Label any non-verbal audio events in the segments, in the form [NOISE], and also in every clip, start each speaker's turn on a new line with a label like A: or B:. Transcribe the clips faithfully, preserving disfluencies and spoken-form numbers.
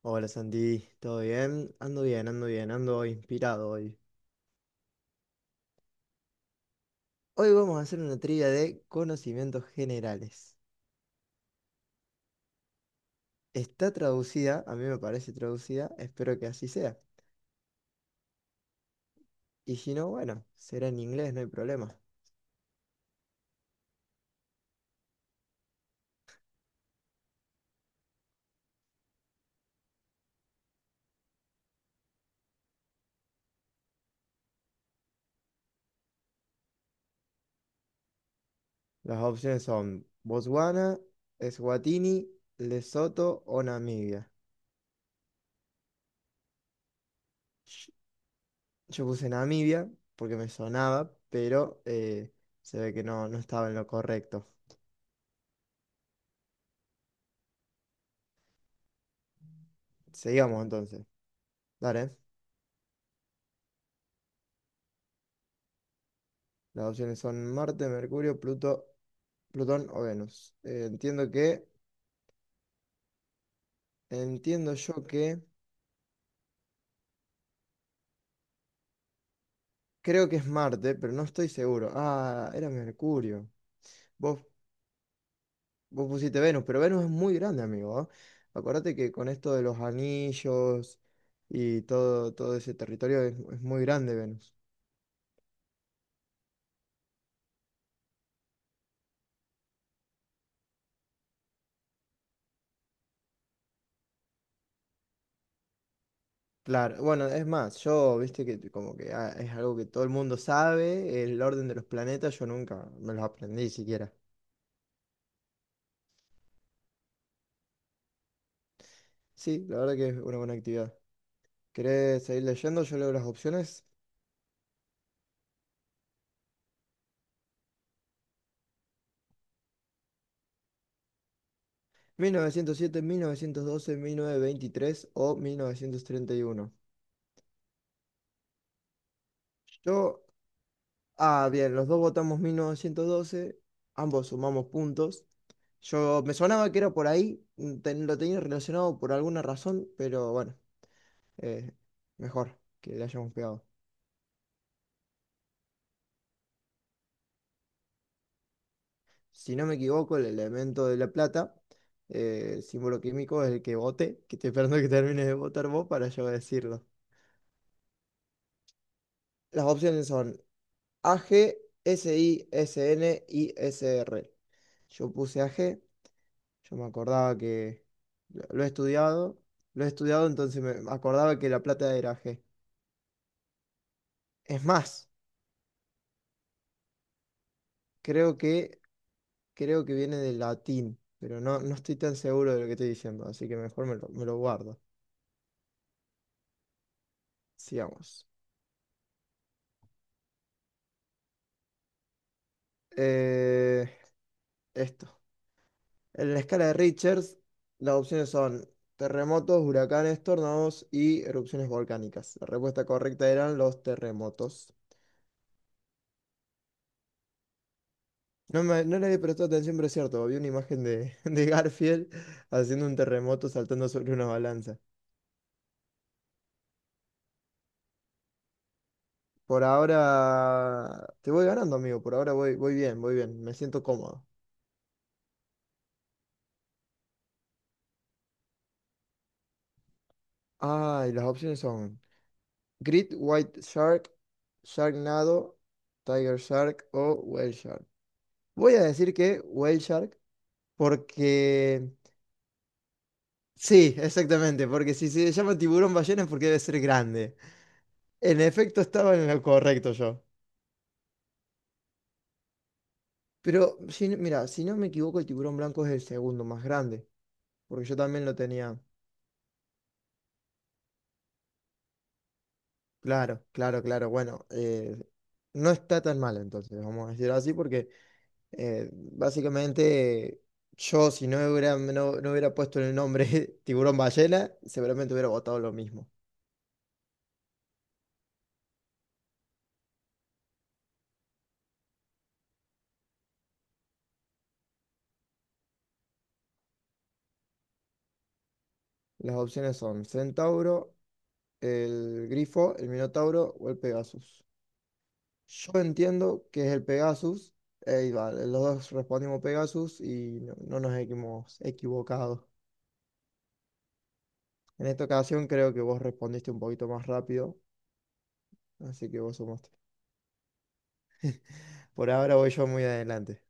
A: Hola Santi, ¿todo bien? Ando bien, ando bien, ando inspirado hoy. Hoy vamos a hacer una trivia de conocimientos generales. Está traducida, a mí me parece traducida, espero que así sea. Y si no, bueno, será en inglés, no hay problema. Las opciones son Botswana, Eswatini, Lesoto o Namibia. Sh- Yo puse Namibia porque me sonaba, pero eh, se ve que no, no estaba en lo correcto. Seguimos entonces. Dale. Las opciones son Marte, Mercurio, Pluto, Plutón o Venus. Eh, entiendo que, entiendo yo que, Creo que es Marte, pero no estoy seguro. Ah, era Mercurio. Vos, vos pusiste Venus, pero Venus es muy grande, amigo. ¿Ah? Acordate que con esto de los anillos y todo, todo ese territorio es, es muy grande Venus. Claro, bueno, es más, yo, viste que como que ah, es algo que todo el mundo sabe, el orden de los planetas, yo nunca me los aprendí siquiera. Sí, la verdad que es una buena actividad. ¿Querés seguir leyendo? Yo leo las opciones. mil novecientos siete, mil novecientos doce, mil novecientos veintitrés o mil novecientos treinta y uno. Yo, ah, bien, los dos votamos mil novecientos doce, ambos sumamos puntos. Yo me sonaba que era por ahí, mm, ten- lo tenía relacionado por alguna razón, pero bueno, eh, mejor que le hayamos pegado. Si no me equivoco, el elemento de la plata, eh, el símbolo químico es el que vote, que estoy esperando que termine de votar vos para yo decirlo. Las opciones son AG, SISN y SR. Yo puse AG, yo me acordaba que lo lo he estudiado, lo he estudiado, entonces me acordaba que la plata era G. Es más, creo que, creo que viene del latín, pero no, no estoy tan seguro de lo que estoy diciendo, así que mejor me lo, me lo guardo. Sigamos. Eh, esto. En la escala de Richards, las opciones son terremotos, huracanes, tornados y erupciones volcánicas. La respuesta correcta eran los terremotos. No, me, no le había prestado atención, pero es cierto. Vi una imagen de, [LAUGHS] de Garfield haciendo un terremoto saltando sobre una balanza. Por ahora te voy ganando, amigo. Por ahora voy, voy bien, voy bien. Me siento cómodo. Ah, y las opciones son Great White Shark, Sharknado, Tiger Shark o Whale Shark. Voy a decir que Whale Shark. Porque. Sí, exactamente, porque si se llama tiburón ballena es porque debe ser grande. En efecto, estaba en lo correcto yo. Pero, si, no- mira, si no me equivoco, el tiburón blanco es el segundo más grande, porque yo también lo tenía. Claro, claro, claro. Bueno, eh, no está tan mal entonces, vamos a decirlo así, porque eh, básicamente eh, yo, si no hubiera, no, no hubiera puesto el nombre [LAUGHS] tiburón ballena, seguramente hubiera votado lo mismo. Las opciones son centauro, el Grifo, el Minotauro o el Pegasus. Yo entiendo que es el Pegasus. eh, y vale, los dos respondimos Pegasus y no, no nos hemos equivocado. En esta ocasión creo que vos respondiste un poquito más rápido, así que vos sumaste. Por ahora voy yo muy adelante.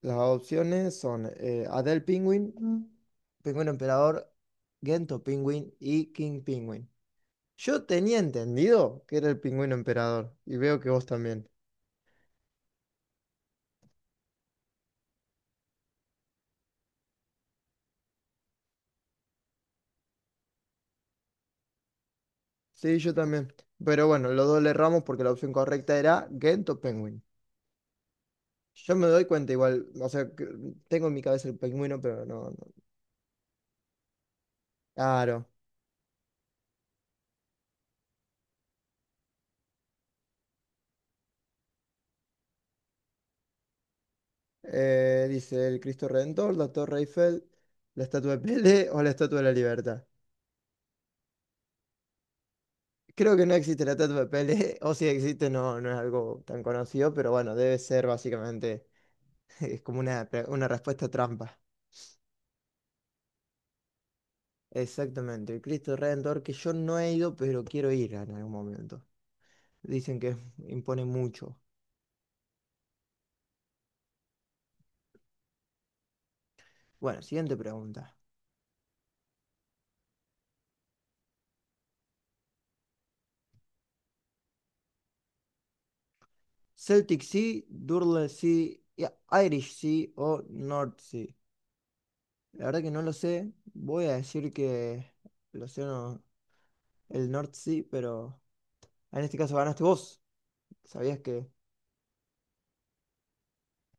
A: Las opciones son eh, Adele Penguin, Mm. Penguin Emperador, Gento Penguin y King Penguin. Yo tenía entendido que era el Pingüino Emperador y veo que vos también. Sí, yo también. Pero bueno, los dos le erramos porque la opción correcta era Ghent o Penguin. Yo me doy cuenta igual, o sea, que tengo en mi cabeza el pingüino, pero no, no. Claro. Eh, dice el Cristo Redentor, la Torre Eiffel, la Estatua de Pelé o la Estatua de la Libertad. Creo que no existe la Estatua de Pelé, [LAUGHS] o si existe no, no es algo tan conocido, pero bueno, debe ser básicamente, [LAUGHS] es como una, pre- una respuesta trampa. Exactamente, el Cristo Redentor que yo no he ido, pero quiero ir en algún momento. Dicen que impone mucho. Bueno, siguiente pregunta. Celtic Sea, Durle Sea, ya, Irish Sea o North Sea. La verdad que no lo sé. Voy a decir que el océano, el North Sea, pero en este caso ganaste vos. Sabías que,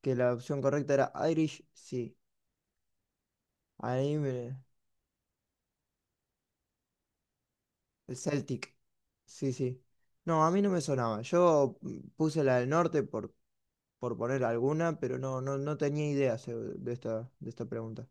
A: que la opción correcta era Irish Sea. Ahí me- el Celtic. Sí, sí. No, a mí no me sonaba. Yo mm, puse la del norte por, por poner alguna, pero no, no, no tenía idea se- de esta, de esta pregunta.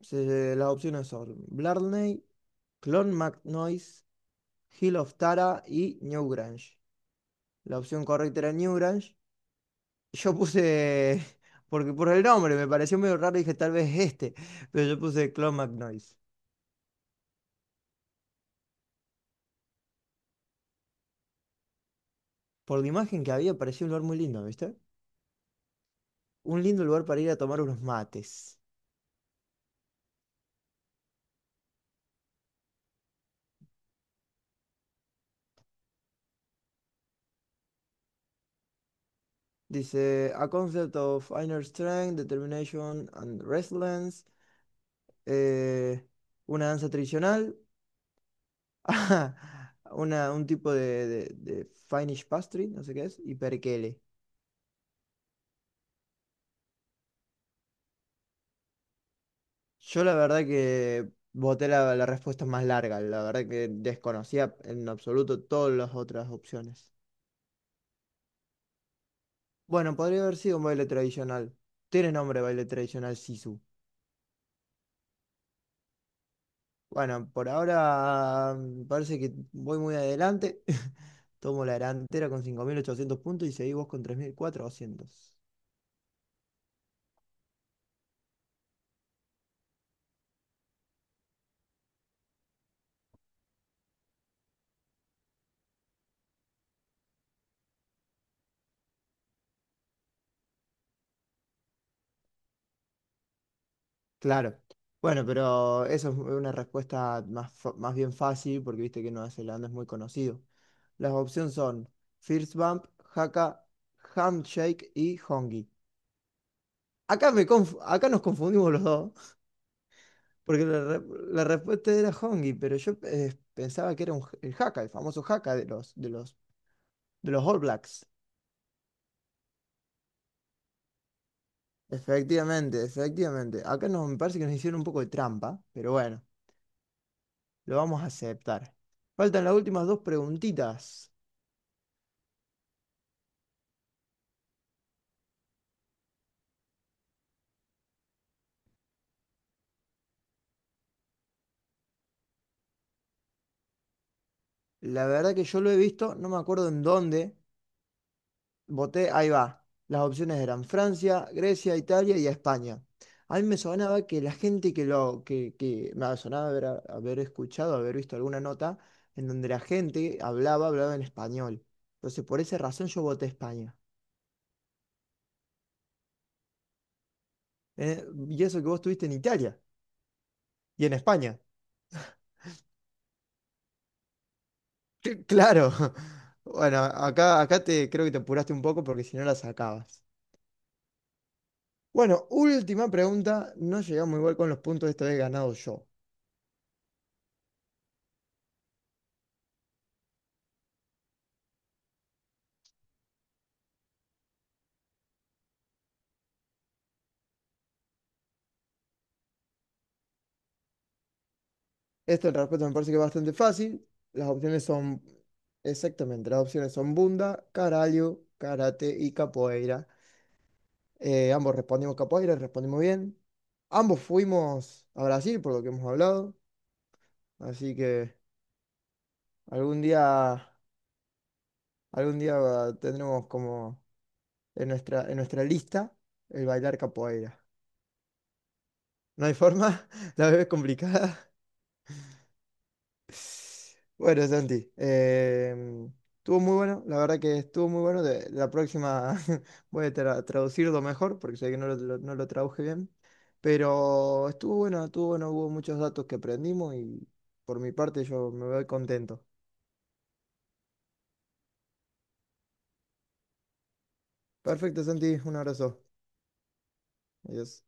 A: Se- las opciones son Blarney, Clon MacNoise, Hill of Tara y Newgrange. La opción correcta era Newgrange. Yo puse, [LAUGHS] porque por el nombre me pareció medio raro, dije tal vez este, pero yo puse Clon MacNoise. Por la imagen que había, parecía un lugar muy lindo, ¿viste? Un lindo lugar para ir a tomar unos mates. Dice, a concept of inner strength, determination and resilience. eh, una danza tradicional [LAUGHS] Una, un tipo de, de, de Finnish pastry, no sé qué es, y perkele. Yo la verdad que voté la, la respuesta más larga, la verdad que desconocía en absoluto todas las otras opciones. Bueno, podría haber sido un baile tradicional. Tiene nombre baile tradicional Sisu. Bueno, por ahora mm, parece que voy muy adelante. [LAUGHS] Tomo la delantera con cinco mil ochocientos puntos y seguí vos con tres mil cuatrocientos. Claro. Bueno, pero eso es una respuesta más, fa- más bien fácil porque viste que Nueva Zelanda es muy conocido. Las opciones son First Bump, Haka, Handshake y Hongi. Acá, me conf- acá nos confundimos los dos porque la, re- la respuesta era Hongi, pero yo eh, pensaba que era un j- el Haka, el famoso Haka de los, de los, de los All Blacks. Efectivamente, efectivamente. Acá nos, me parece que nos hicieron un poco de trampa, pero bueno, lo vamos a aceptar. Faltan las últimas dos preguntitas. La verdad que yo lo he visto, no me acuerdo en dónde. Voté, ahí va. Las opciones eran Francia, Grecia, Italia y España. A mí me sonaba que la gente que lo, que, que me sonaba haber, haber escuchado, haber visto alguna nota en donde la gente hablaba, hablaba en español. Entonces, por esa razón yo voté España. Eh, y eso que vos estuviste en Italia y en España. Cl- Claro. [LAUGHS] Bueno, acá, acá te creo que te apuraste un poco porque si no la sacabas. Bueno, última pregunta. No llegamos igual con los puntos, esta vez he ganado yo. Esto, en respeto, me parece que es bastante fácil. Las opciones son, exactamente, las opciones son Bunda, Caralho, Karate y Capoeira. Eh, ambos respondimos Capoeira, respondimos bien. Ambos fuimos a Brasil, por lo que hemos hablado. Así que algún día, algún día ah, tendremos como en nuestra, en nuestra lista el bailar Capoeira. ¿No hay forma? [LAUGHS] La vez es complicada. Bueno, Santi, em, estuvo muy bueno, la verdad que estuvo muy bueno. de- la próxima [LAUGHS] voy a tra- traducirlo mejor porque sé que no lo, lo- no lo traduje bien, pero estuvo bueno, estuvo bueno, hubo muchos datos que aprendimos y por mi parte yo me voy contento. Perfecto, Santi, un abrazo. Adiós.